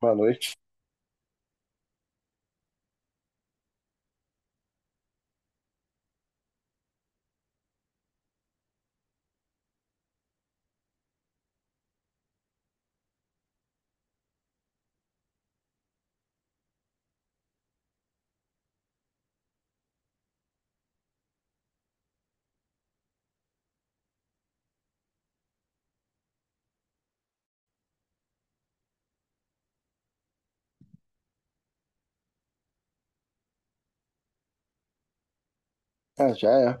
Boa noite. Ah, já é.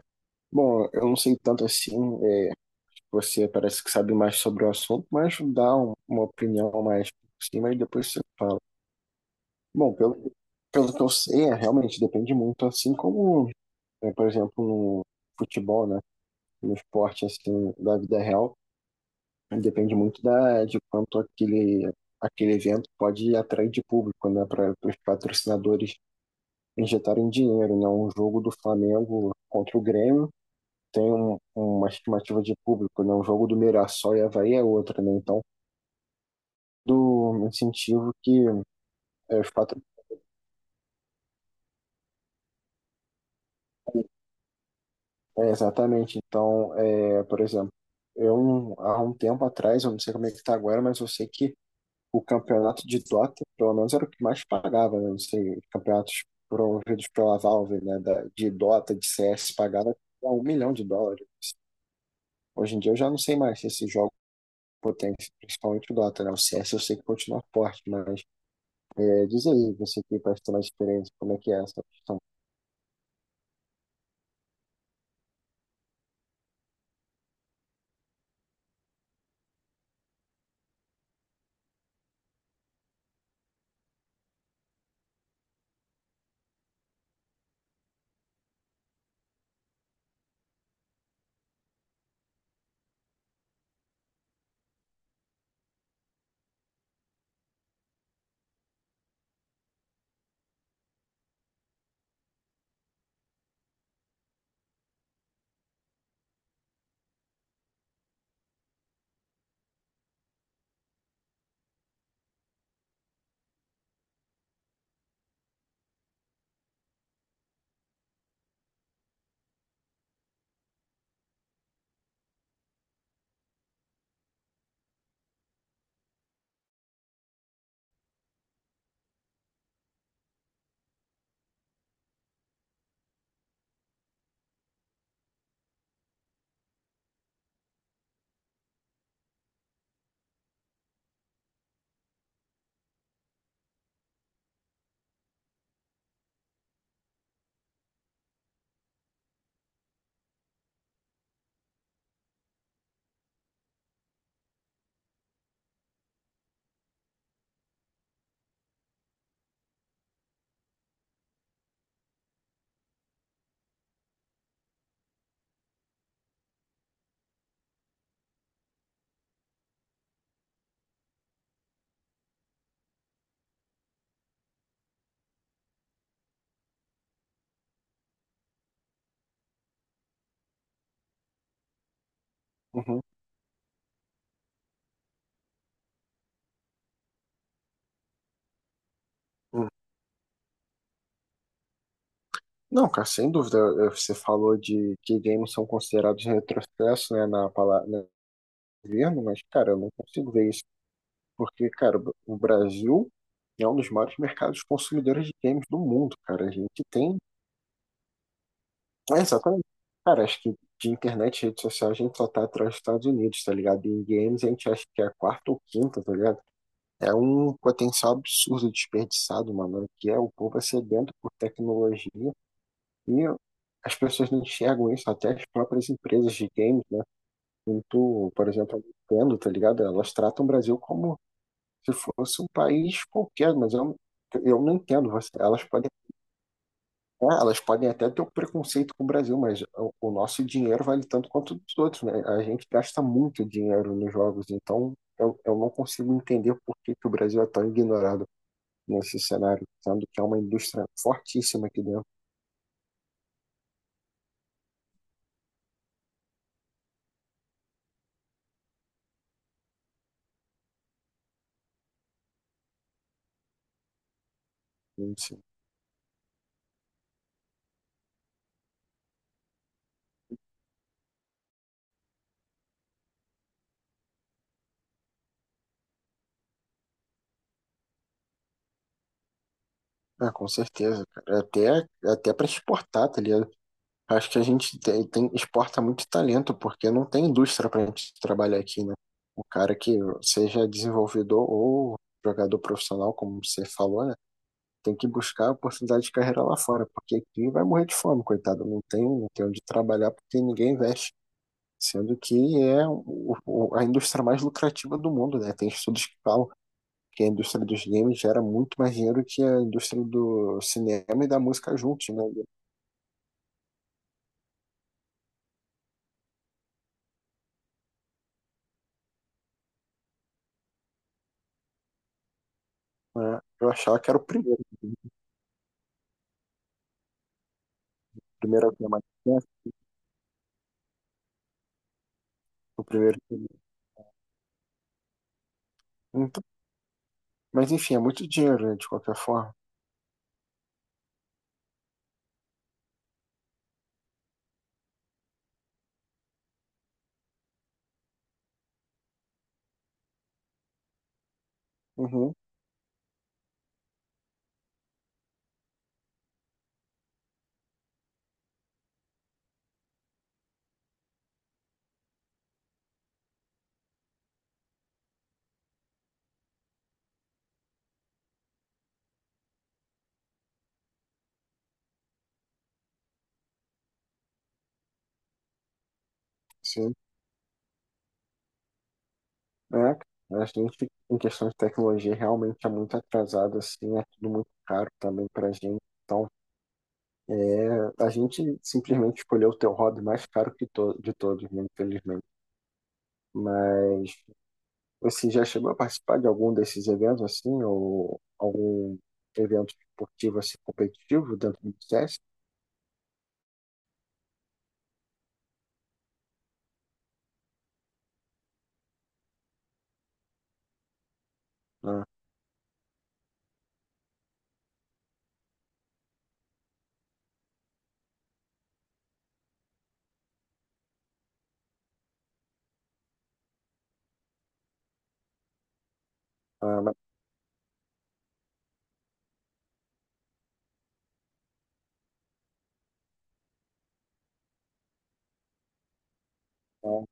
Bom, eu não sei tanto assim, é, você parece que sabe mais sobre o assunto, mas dá uma opinião mais por cima e depois você fala. Bom, pelo que eu sei, realmente depende muito, assim como, por exemplo, no futebol, né? No esporte, assim, da vida real, depende muito de quanto aquele evento pode atrair de público, né? Para os patrocinadores injetarem dinheiro, né? Um jogo do Flamengo contra o Grêmio tem uma estimativa de público, né? O jogo do Mirassol e Avaí é outra, né? Então, do incentivo que os é, exatamente. Então, por exemplo, eu há um tempo atrás, eu não sei como é que está agora, mas eu sei que o campeonato de Dota, pelo menos era o que mais pagava, né? Não sei, os campeonatos promovidos pela Valve, né? De Dota, de CS, pagava US$ 1 milhão. Hoje em dia eu já não sei mais se esses jogos potentes, principalmente o Dota, né? O CS eu sei que continua forte, mas diz aí, você tem mais diferente, como é que é essa questão? Uhum, uhum. Não, cara, sem dúvida. Você falou de que games são considerados retrocesso, né, na palavra no governo, mas, cara, eu não consigo ver isso, porque, cara, o Brasil é um dos maiores mercados consumidores de games do mundo, cara. A gente tem. É, exatamente. Cara, acho que de internet e redes sociais a gente só tá atrás dos Estados Unidos, tá ligado? E em games a gente acha que é a quarta ou quinta, tá ligado? É um potencial absurdo desperdiçado, mano, que é o povo é sedento por tecnologia e as pessoas não enxergam isso, até as próprias empresas de games, né? Muito, por exemplo, a Nintendo, tá ligado? Elas tratam o Brasil como se fosse um país qualquer, mas eu não entendo. Elas podem, elas podem até ter um preconceito com o Brasil, mas o nosso dinheiro vale tanto quanto o dos outros, né? A gente gasta muito dinheiro nos jogos, então eu não consigo entender por que que o Brasil é tão ignorado nesse cenário, sendo que é uma indústria fortíssima aqui dentro. Sim. Ah, com certeza, cara. Até, é até para exportar, tá ligado? Acho que a gente exporta muito talento, porque não tem indústria para a gente trabalhar aqui, né? O cara que seja desenvolvedor ou jogador profissional, como você falou, né? Tem que buscar oportunidade de carreira lá fora, porque aqui vai morrer de fome, coitado. Não tem onde trabalhar porque ninguém investe. Sendo que é a indústria mais lucrativa do mundo, né? Tem estudos que falam que a indústria dos games gera muito mais dinheiro que a indústria do cinema e da música juntos, né? Mas eu achava que era o primeiro que é mais perto, o primeiro. Então, mas enfim, é muito dinheiro, né, de qualquer forma. Uhum, sim. É, a gente, em questão de tecnologia, realmente é muito atrasado, assim, é tudo muito caro também pra gente. Então, a gente simplesmente escolheu ter o hobby mais caro que to de todos, né, infelizmente. Mas você já chegou a participar de algum desses eventos assim, ou algum evento esportivo assim competitivo dentro do CS? Ah, ah, mas, ah,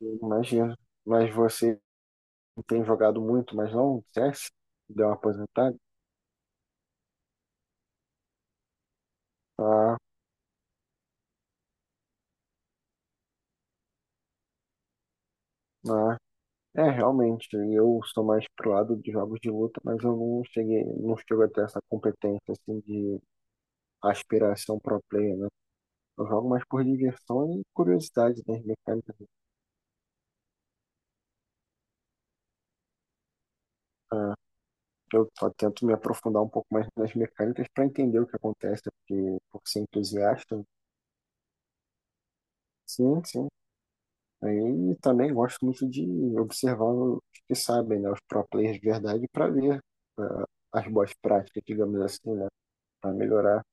eu imagino. Mas você tem jogado muito, mas não CS? Deu uma aposentada? Ah, ah. É, realmente, eu sou mais pro lado de jogos de luta, mas eu não chego a ter essa competência assim de aspiração pro player, né? Eu jogo mais por diversão e curiosidade das mecânicas. Eu só tento me aprofundar um pouco mais nas mecânicas para entender o que acontece, porque por ser entusiasta, sim, sim. Aí também gosto muito de observar os que sabem, né, os pro players de verdade, para ver ah, as boas práticas, digamos assim, né, para melhorar.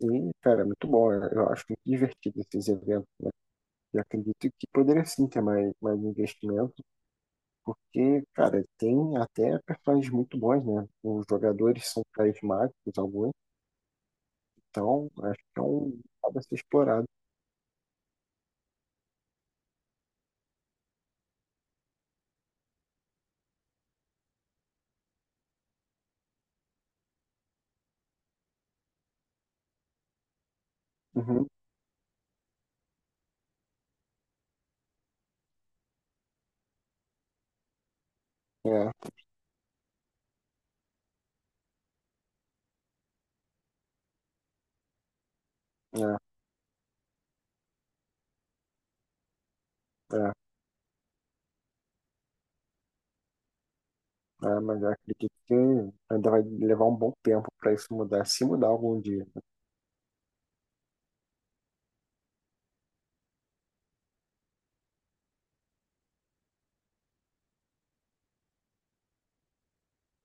E, cara, é muito bom, eu acho muito divertido esses eventos. E acredito que poderia sim ter mais, mais investimento, porque, cara, tem até personagens muito bons, né? Os jogadores são carismáticos, alguns. Então, acho que é um lado a ser explorado. Uhum. É, é, é. É, mas eu acredito que ainda vai levar um bom tempo para isso mudar, se mudar algum dia.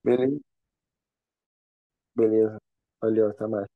Beleza, beleza. Valeu, até mais.